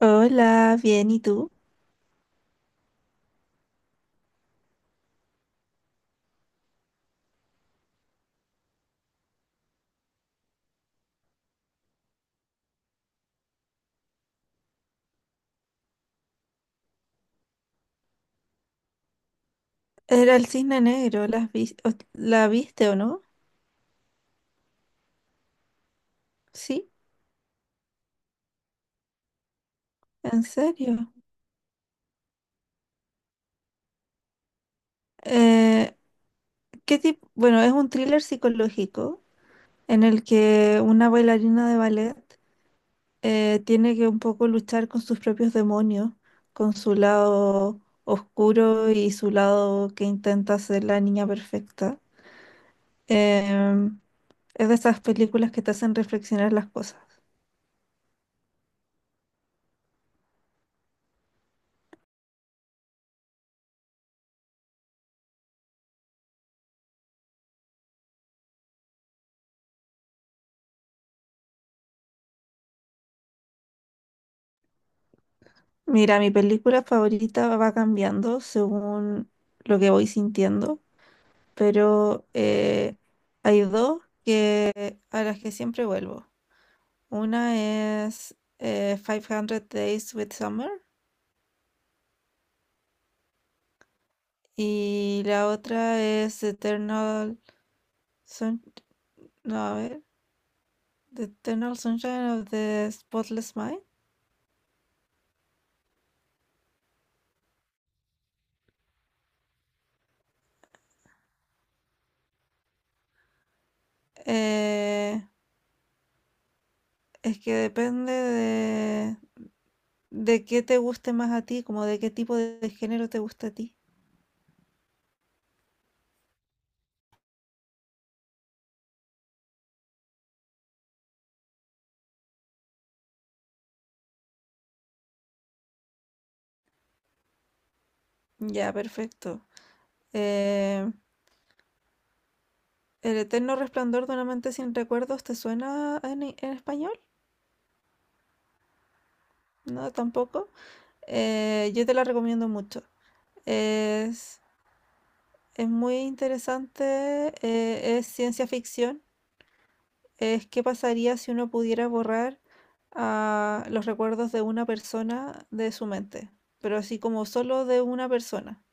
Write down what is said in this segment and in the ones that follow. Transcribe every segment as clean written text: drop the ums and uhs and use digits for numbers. Hola, bien, ¿y tú? Era el cisne negro, ¿la viste o no? Sí, en serio. Eh, ¿Qué tipo? Bueno, es un thriller psicológico en el que una bailarina de ballet tiene que un poco luchar con sus propios demonios, con su lado oscuro y su lado que intenta ser la niña perfecta. Em, es de esas películas que te hacen reflexionar las cosas. Mira, mi película favorita va cambiando según lo que voy sintiendo, pero hay dos a las que siempre vuelvo. Una es 500 Days with Summer, y la otra es Eternal Sun- no, a ver, The Eternal Sunshine of the Spotless Mind. Eh, es que depende de qué te guste más a ti, como de qué tipo de género te gusta a ti. Ya, perfecto. Eh, El eterno resplandor de una mente sin recuerdos, ¿te suena en español? No, tampoco. Yo te la recomiendo mucho. Es, es muy interesante, es ciencia ficción. Es qué pasaría si uno pudiera borrar ah, los recuerdos de una persona de su mente, pero así como solo de una persona.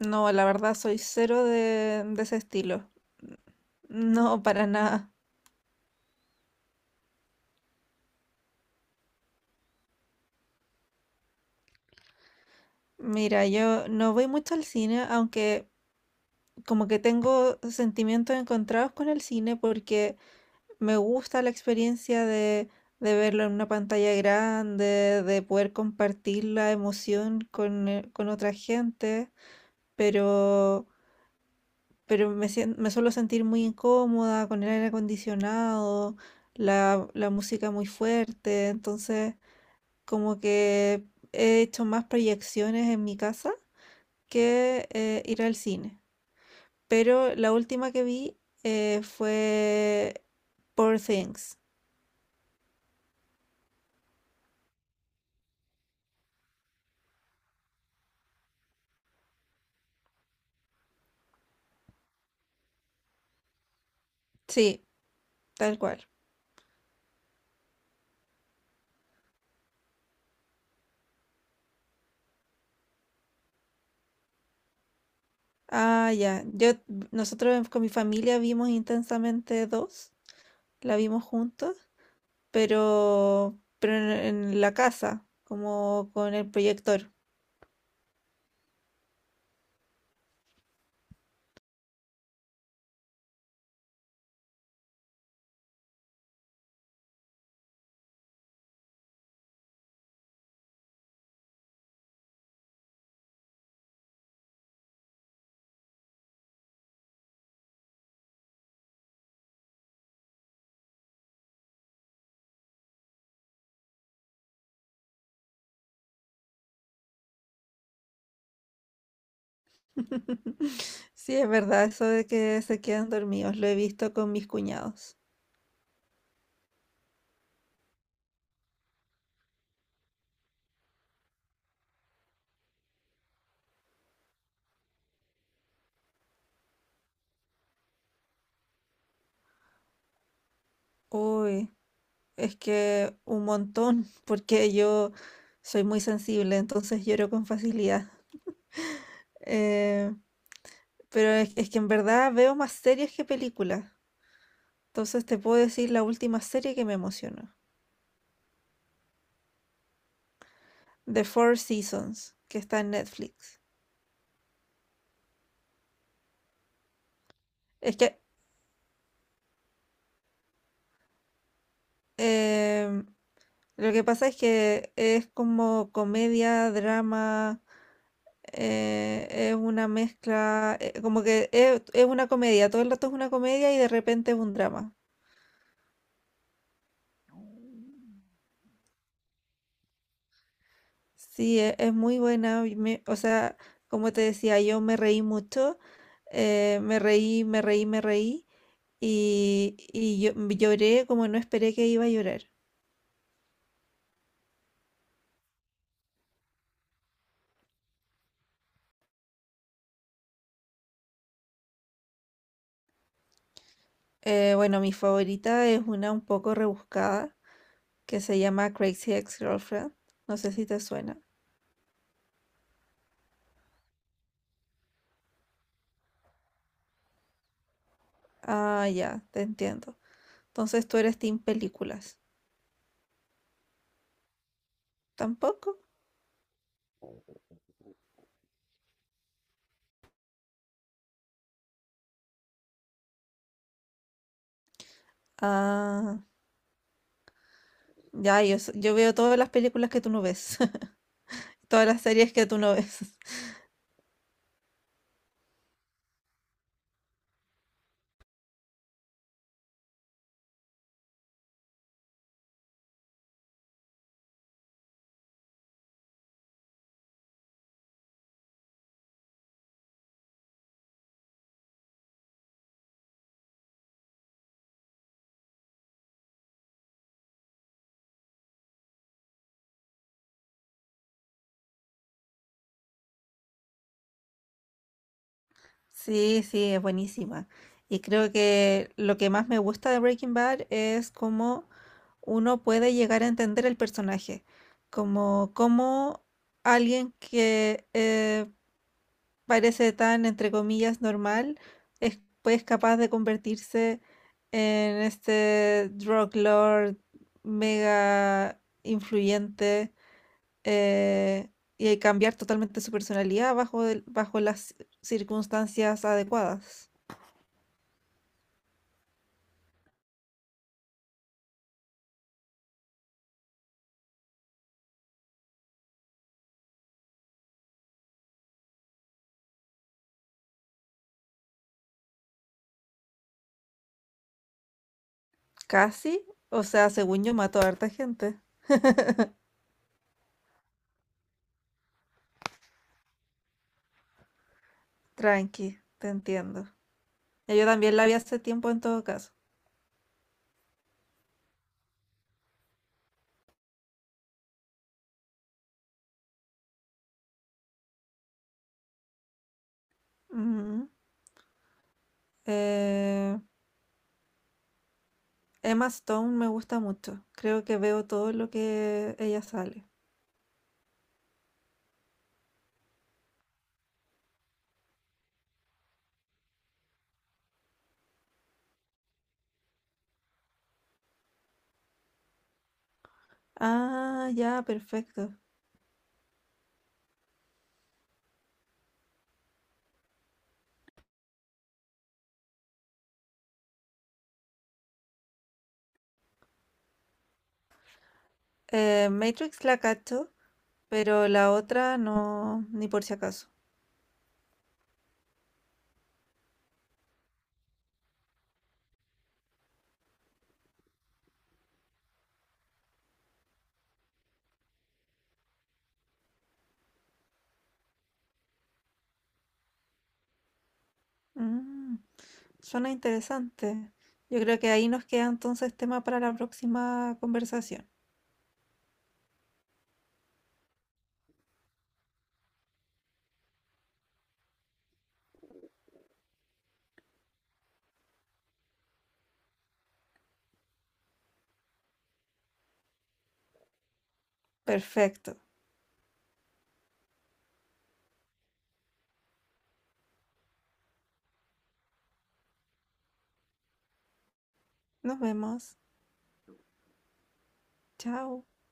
No, la verdad soy cero de ese estilo. No, para nada. Mira, yo no voy mucho al cine, aunque como que tengo sentimientos encontrados con el cine porque me gusta la experiencia de verlo en una pantalla grande, de poder compartir la emoción con otra gente, pero, pero me suelo sentir muy incómoda con el aire acondicionado, la música muy fuerte, entonces como que he hecho más proyecciones en mi casa que ir al cine. Pero la última que vi fue Poor Things. Sí, tal cual. Ah, ya. Con mi familia vimos intensamente dos. La vimos juntos, pero en la casa, como con el proyector. Sí, es verdad, eso de que se quedan dormidos. Lo he visto con mis cuñados. Uy, es que un montón, porque yo soy muy sensible, entonces lloro con facilidad. Eh, pero es que en verdad veo más series que películas. Entonces te puedo decir la última serie que me emocionó. The Four Seasons, que está en Netflix. Es que eh, lo que pasa es que es como comedia, drama, es una mezcla, como que es una comedia, todo el rato es una comedia y de repente es un drama. Sí, es muy buena. Y o sea, como te decía, yo me reí mucho. Eh, me reí, me reí, me reí. Y yo lloré como no esperé que iba a llorar. Bueno, mi favorita es una un poco rebuscada que se llama Crazy Ex-Girlfriend. No sé si te suena. Ah, ya, te entiendo. Entonces tú eres team películas. ¿Tampoco? Ah, ya, yo veo todas las películas que tú no ves. Todas las series que tú no ves. Sí, sí, es buenísima. Y creo que lo que más me gusta de Breaking Bad es cómo uno puede llegar a entender el personaje, como cómo alguien que parece tan, entre comillas, normal, es pues capaz de convertirse en este drug lord mega influyente eh, y cambiar totalmente su personalidad bajo las circunstancias adecuadas. Casi, o sea, según yo mato a harta gente. Tranqui, te entiendo. Ya, yo también la vi hace tiempo en todo caso. Ujú. Eh, Emma Stone me gusta mucho. Creo que veo todo lo que ella sale. Ah, ya, perfecto. Matrix la cacho, pero la otra no, ni por si acaso. Mm, suena interesante. Yo creo que ahí nos queda entonces tema para la próxima conversación. Perfecto. Nos vemos. Chao.